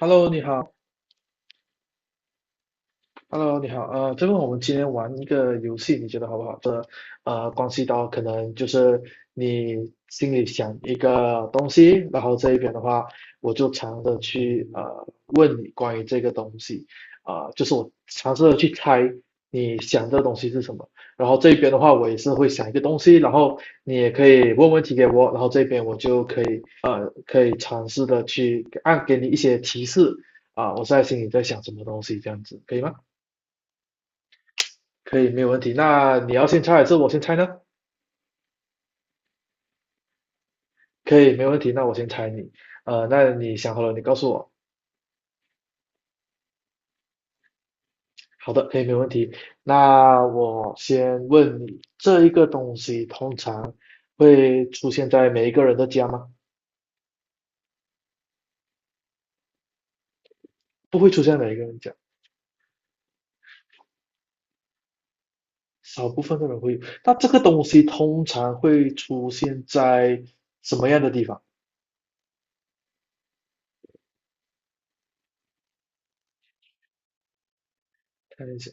Hello，你好。Hello，你好，这个我们今天玩一个游戏，你觉得好不好？这关系到可能就是你心里想一个东西，然后这一边的话，我就尝着去问你关于这个东西，啊、就是我尝试的去猜你想这个东西是什么，然后这边的话，我也是会想一个东西，然后你也可以问问题给我，然后这边我就可以可以尝试的去按给你一些提示啊、我在心里在想什么东西，这样子可以吗？可以，没有问题。那你要先猜还是我先猜呢？可以，没有问题。那我先猜你。那你想好了，你告诉我。好的，可以，没有问题。那我先问你，这一个东西通常会出现在每一个人的家吗？不会出现在每一个人家，少部分的人会有。那这个东西通常会出现在什么样的地方？看一下，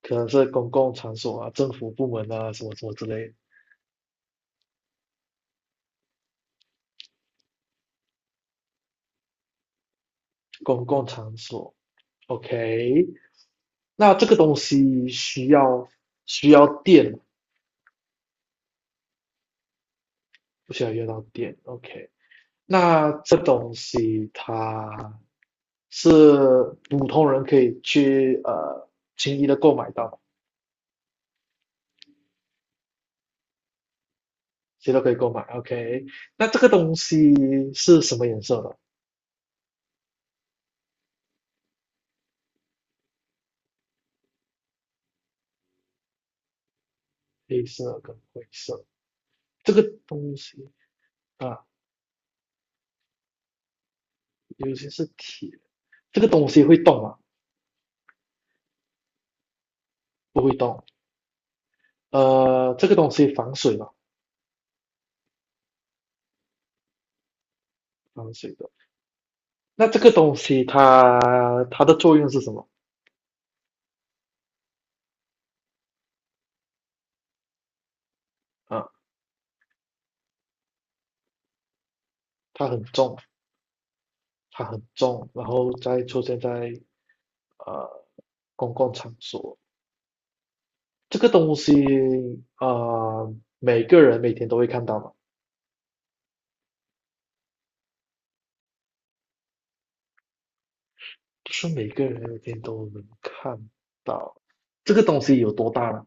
可能是公共场所啊、政府部门啊，什么什么之类的公共场所。OK，那这个东西需要需要电不需要用到电。OK，那这东西它是普通人可以去轻易的购买到谁都可以购买。OK，那这个东西是什么颜色的？黑色跟灰色。这个东西啊，尤其是铁。这个东西会动吗？不会动。这个东西防水吗？防水的。那这个东西它它的作用是什么啊？它很重，它很重，然后再出现在呃公共场所。这个东西啊、呃每个人每天都会看到嘛，不是每个人每天都能看到。这个东西有多大呢？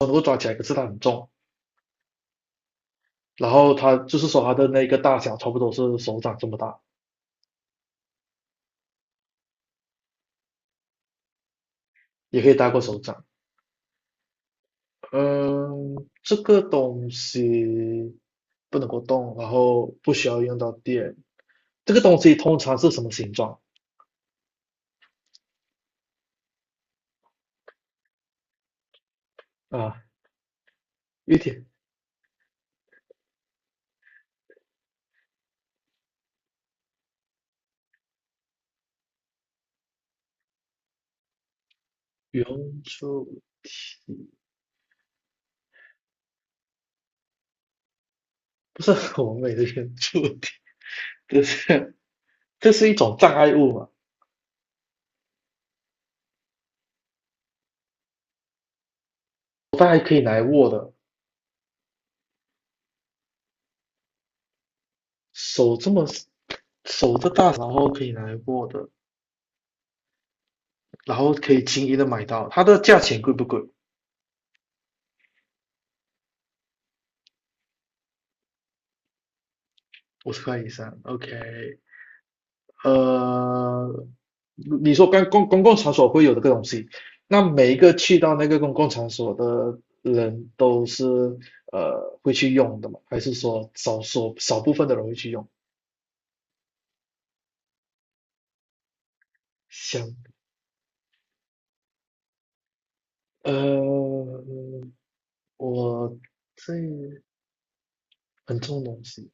我能够抓起来，可是它很重。然后它就是说它的那个大小差不多是手掌这么大，也可以大过手掌。嗯，这个东西不能够动，然后不需要用到电。这个东西通常是什么形状啊？有点原住不是很完美的原住民，这是这是一种障碍物嘛？它还可以拿来握的，手这么手这大，然后可以拿来握的，然后可以轻易的买到。它的价钱贵不贵？50块以上，OK。呃，你说刚公公共场所会有的这个东西，那每一个去到那个公共场所的人都是会去用的吗？还是说少少少部分的人会去用？想呃，我这很重的东西，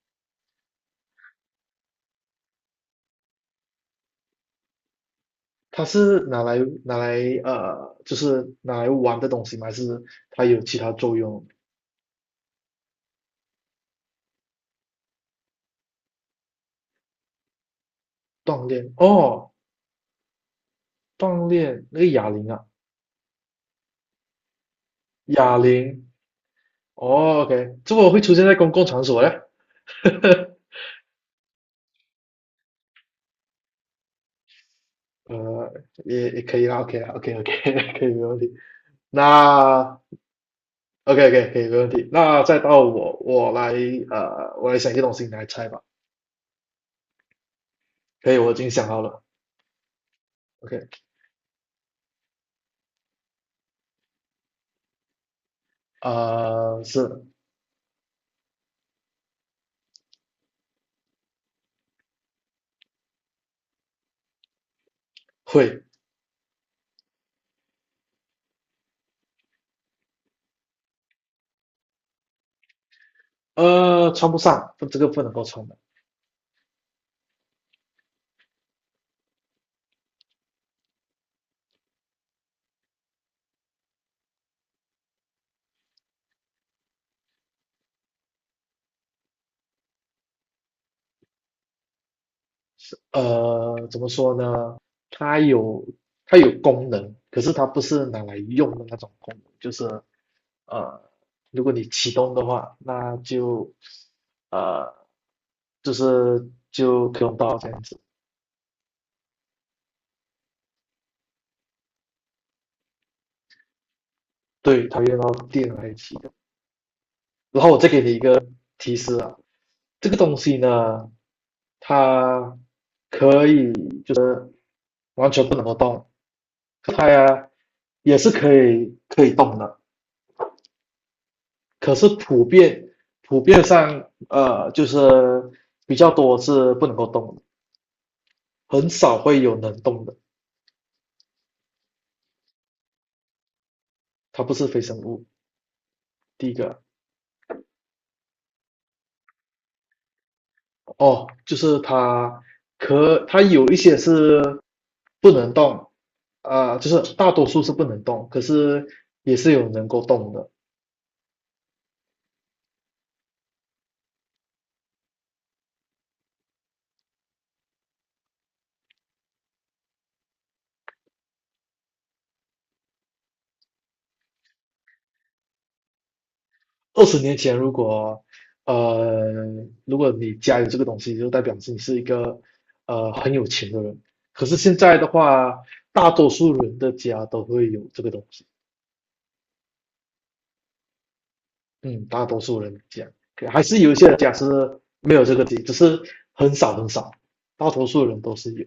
它是拿来就是拿来玩的东西吗？还是它有其他作用？锻炼哦，锻炼那个哑铃啊，哑铃哦，OK，这个会出现在公共场所嘞？呃，也可以啦，OK o k OK，可以没问题。那 OK OK 可以没问题。那再到我来我来想一个东西，你来猜吧。可以，我已经想好了。OK。是会，穿不上，不这个不能够穿的。呃，怎么说呢？它有它有功能，可是它不是拿来用的那种功能，就是呃，如果你启动的话，那就呃，就是就可以用到这样子。对，它用到电来启动。然后我再给你一个提示啊，这个东西呢，它可以就是完全不能够动，它呀也是可以动的，可是普遍上就是比较多是不能够动的很少会有能动的，它不是非生物。第一个哦，就是它可它有一些是不能动，就是大多数是不能动，可是也是有能够动的。20年前，如果呃，如果你家有这个东西，就代表是你是一个很有钱的人。可是现在的话，大多数人的家都会有这个东西。嗯，大多数人的家，还是有一些人家是没有这个东西只是很少很少，大多数人都是有。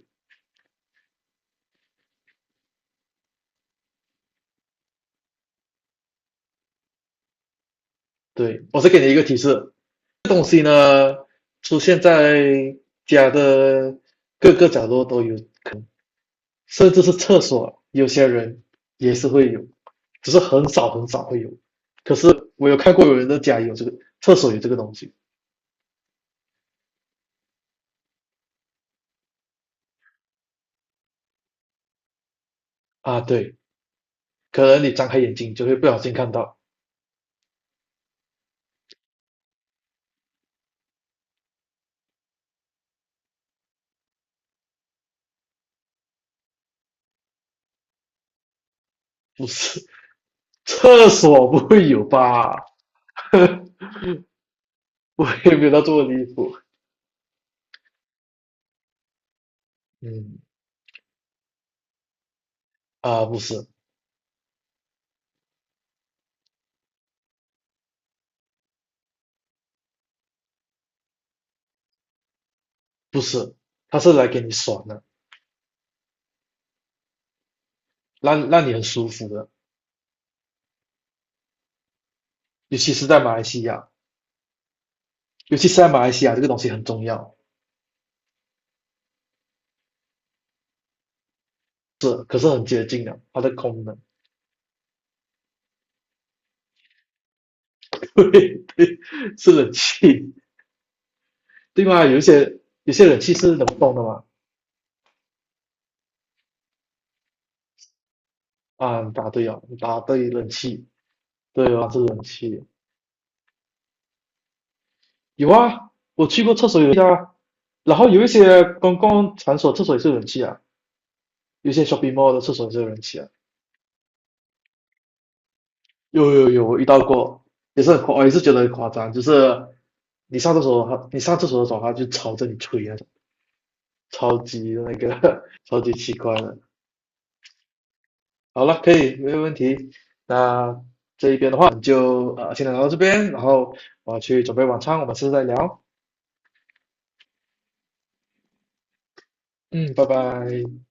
对，我是给你一个提示，这东西呢出现在家的各个角落都有可能。甚至是厕所，有些人也是会有，只是很少很少会有。可是我有看过有人的家有这个厕所有这个东西啊，对，可能你张开眼睛就会不小心看到，不是 厕所不会有吧？我也没有到这么离谱，嗯啊，不是，它是来给你爽的，让你很舒服的，尤其是在马来西亚，尤其是在马来西亚这个东西很重要，是可是很接近的它的功能。对对，是冷气，对吗？有些冷气是冷风的嘛，啊，你答对了，你答对冷气，对吧？是冷气，有啊，我去过厕所有冷气啊，然后有一些公共场所厕所也是冷气啊，有一些 shopping mall 的厕所也是有冷气啊，有有有，我遇到过，也是很夸，我也是觉得很夸张，就是你上厕所的时候，它就朝着你吹那种，超级那个，超级奇怪的。好了，可以，没有问题。那这一边的话，就先聊到这边，然后我要去准备晚餐，我们下次再聊。嗯，拜拜。